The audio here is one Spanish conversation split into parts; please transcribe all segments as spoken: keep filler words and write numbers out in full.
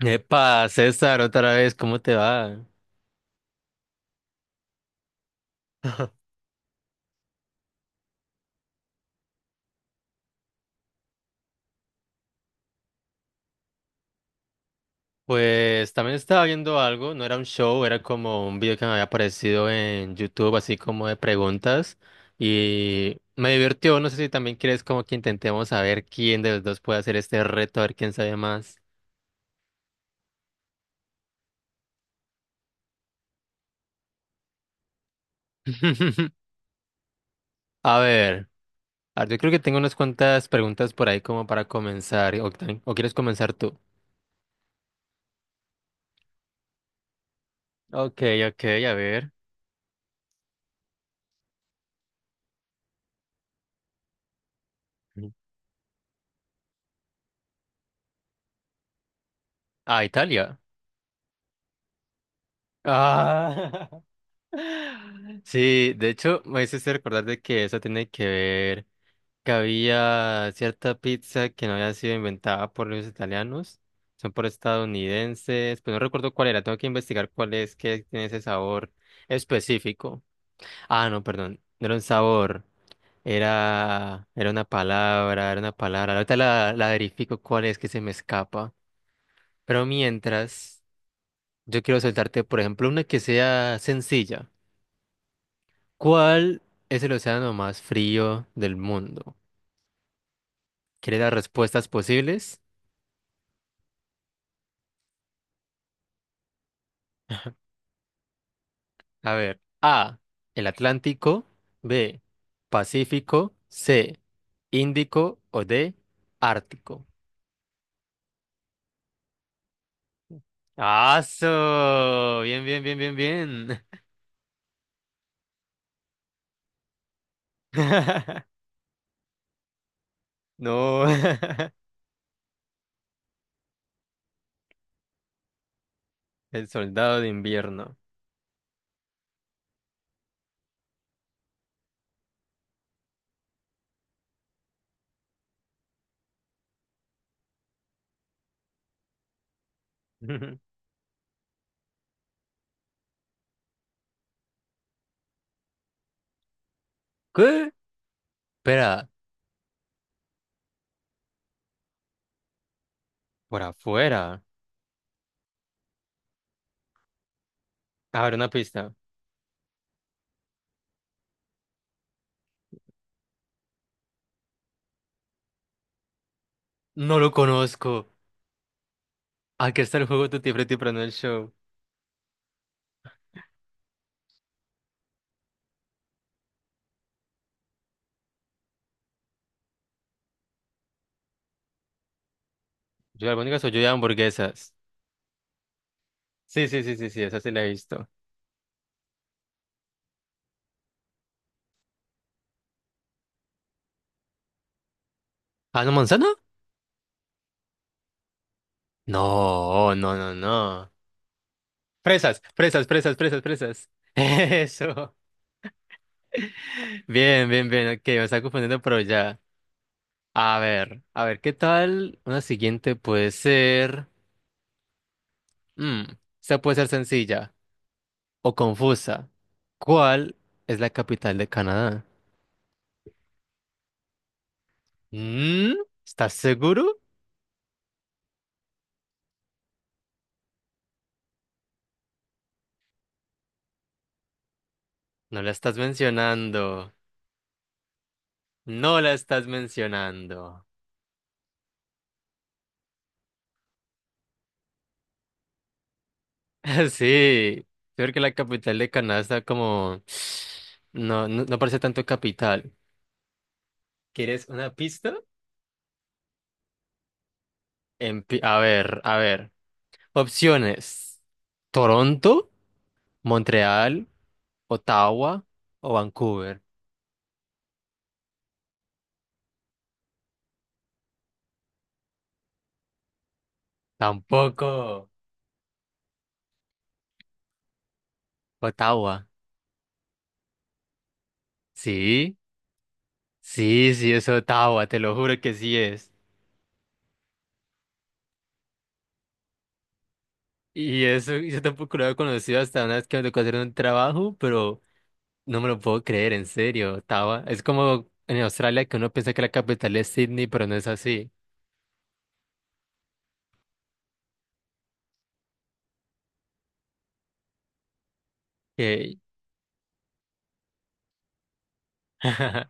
Epa, César, otra vez, ¿cómo te va? Pues también estaba viendo algo, no era un show, era como un video que me había aparecido en YouTube, así como de preguntas, y me divirtió, no sé si también quieres como que intentemos saber quién de los dos puede hacer este reto, a ver quién sabe más. A ver, a ver, yo creo que tengo unas cuantas preguntas por ahí como para comenzar, o, tan- o quieres comenzar tú. Ok, ok, a ver. Ujú. Ah, Italia. Ah. Sí, de hecho, me hiciste recordar de que eso tiene que ver que había cierta pizza que no había sido inventada por los italianos, son por estadounidenses, pero no recuerdo cuál era, tengo que investigar cuál es, que tiene ese sabor específico. Ah, no, perdón, no era un sabor, era, era una palabra, era una palabra. Ahorita la, la verifico cuál es que se me escapa. Pero mientras, yo quiero soltarte, por ejemplo, una que sea sencilla. ¿Cuál es el océano más frío del mundo? ¿Quieres las respuestas posibles? A ver, A, el Atlántico, B, Pacífico, C, Índico o D, Ártico. ¡Aso! Bien, bien, bien, bien, bien. No. El soldado de invierno. ¿Qué? Espera, por afuera. A ver, una pista. No lo conozco. Aquí está el juego Tutti Frutti, pero no el show. Yo de albóndigas o yo de hamburguesas. Sí, sí, sí, sí, sí, esa sí la he visto. ¿Ah, no, manzana? No, no, no, no. Fresas, fresas, fresas, fresas, fresas. Eso. Bien, bien, bien. Ok, me está confundiendo, pero ya. A ver, a ver, ¿qué tal? Una siguiente puede ser. Mm, esta puede ser sencilla o confusa. ¿Cuál es la capital de Canadá? Mm, ¿estás seguro? No la estás mencionando. No la estás mencionando. Sí, creo que la capital de Canadá está como no, no, no parece tanto capital. ¿Quieres una pista? En a ver, a ver. Opciones. Toronto, Montreal, Ottawa o Vancouver. Tampoco. Ottawa. Sí, sí, sí, es Ottawa, te lo juro que sí es. Y eso, y yo tampoco lo había conocido hasta una vez que me tocó hacer un trabajo, pero no me lo puedo creer, en serio, estaba. Es como en Australia que uno piensa que la capital es Sydney, pero no es así. Ey. Ah.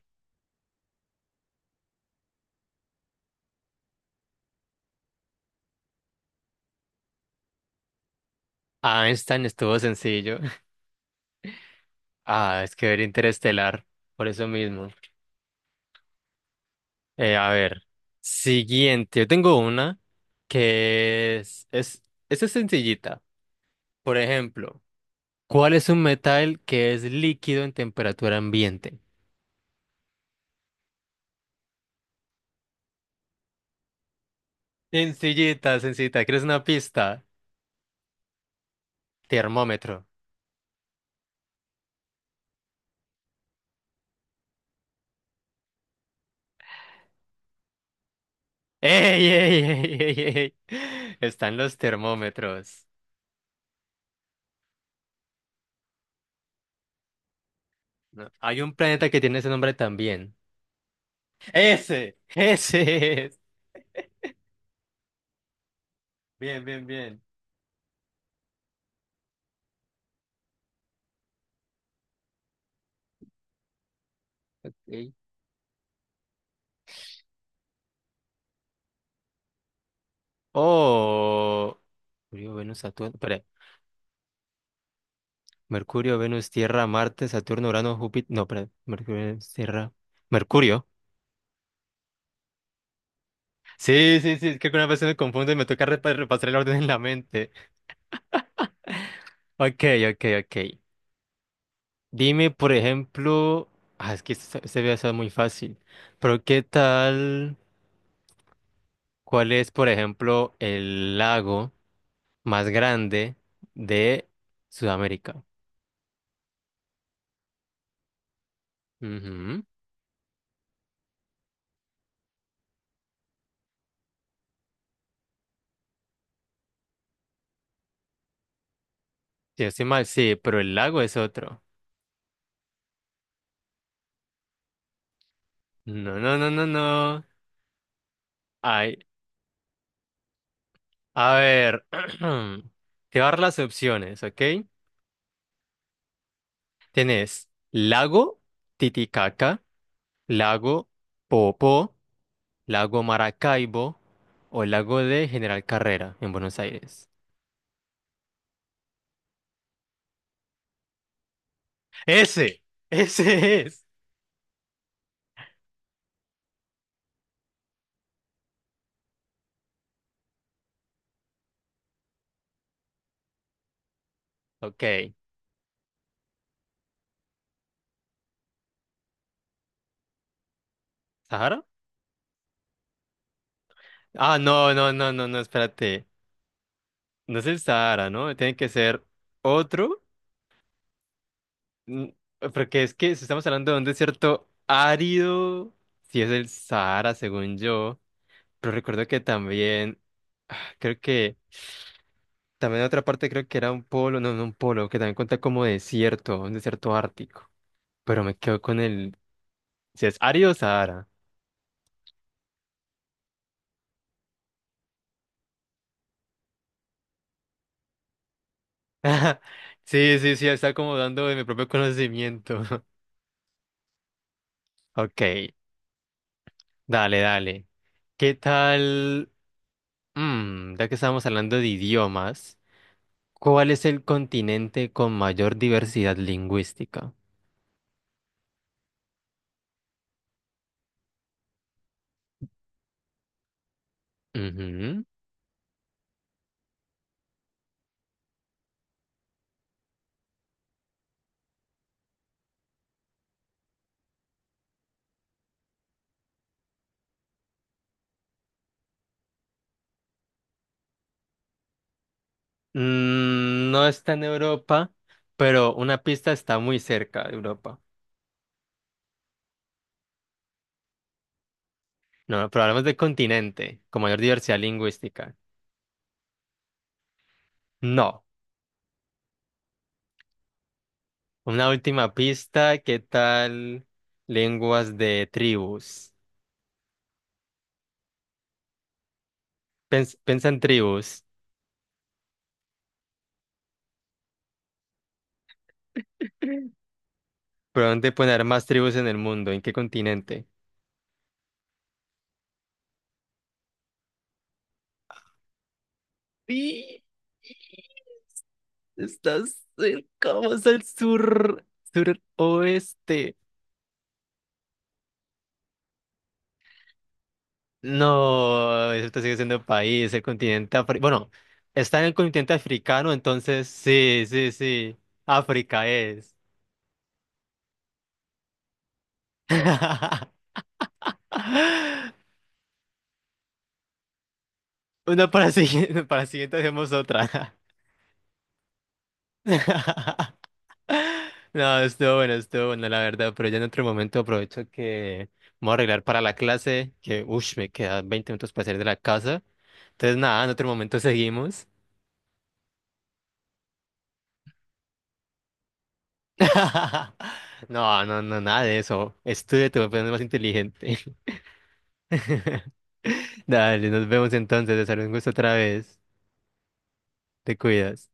Einstein estuvo sencillo. Ah, es que ver Interestelar, por eso mismo. Eh, a ver, siguiente. Yo tengo una que es, es, esta es sencillita. Por ejemplo, ¿cuál es un metal que es líquido en temperatura ambiente? Sencillita, sencillita. ¿Quieres una pista? Termómetro. ¡Ey, ey, ey, ey, ey! Están los termómetros. No, hay un planeta que tiene ese nombre también. ¡Ese! ¡Ese es! Bien, bien, bien. Ok. Oh. Mercurio, Venus, Saturno. Espera. Mercurio, Venus, Tierra, Marte, Saturno, Urano, Júpiter. No, espera. Mercurio, Venus, Tierra. Mercurio. Sí, sí, sí. Es que alguna vez me confundo y me toca repa- repasar el orden en la mente. Ok, ok, ok. Dime, por ejemplo, ah, es que este se ve eso muy fácil, pero ¿qué tal? ¿Cuál es, por ejemplo, el lago más grande de Sudamérica? Ujú. Si no estoy mal, sí, pero el lago es otro. No, no, no, no, no. Ay, a ver, te voy a dar las opciones, ¿ok? Tienes lago Titicaca, lago Popo, Lago Maracaibo o Lago de General Carrera en Buenos Aires. Ese, ese es. Ok, ¿Sahara? Ah, no, no, no, no, no, espérate. No es el Sahara, ¿no? Tiene que ser otro. Mm, porque es que si estamos hablando de un desierto árido, si es el Sahara, según yo. Pero recuerdo que también, ah, creo que, también otra parte creo que era un polo, no, no un polo, que también cuenta como desierto, un desierto ártico. Pero me quedo con el. Si es Ari o Sahara. Sí, sí, sí, está como dando de mi propio conocimiento. Ok, dale, dale. ¿Qué tal? Mm, ya que estamos hablando de idiomas, ¿cuál es el continente con mayor diversidad lingüística? Ujú. Mm, no está en Europa, pero una pista, está muy cerca de Europa. No, pero hablamos de continente con mayor diversidad lingüística. No. Una última pista, ¿qué tal lenguas de tribus? Pens- piensa en tribus. ¿Por dónde poner más tribus en el mundo? ¿En qué continente? Sí, estás cerca, vamos al sur, suroeste. No, eso te sigue siendo país, el continente africano. Bueno, está en el continente africano, entonces sí, sí, sí. África es. Una para siguiente, para siguiente hacemos otra. No, estuvo bueno, estuvo bueno, la verdad, pero ya en otro momento aprovecho que me voy a arreglar para la clase, que uff, me quedan veinte minutos para salir de la casa. Entonces, nada, en otro momento seguimos. No, no, no, nada de eso. Estudia, te voy a poner más inteligente. Dale, nos vemos entonces, César, un gusto otra vez. Te cuidas.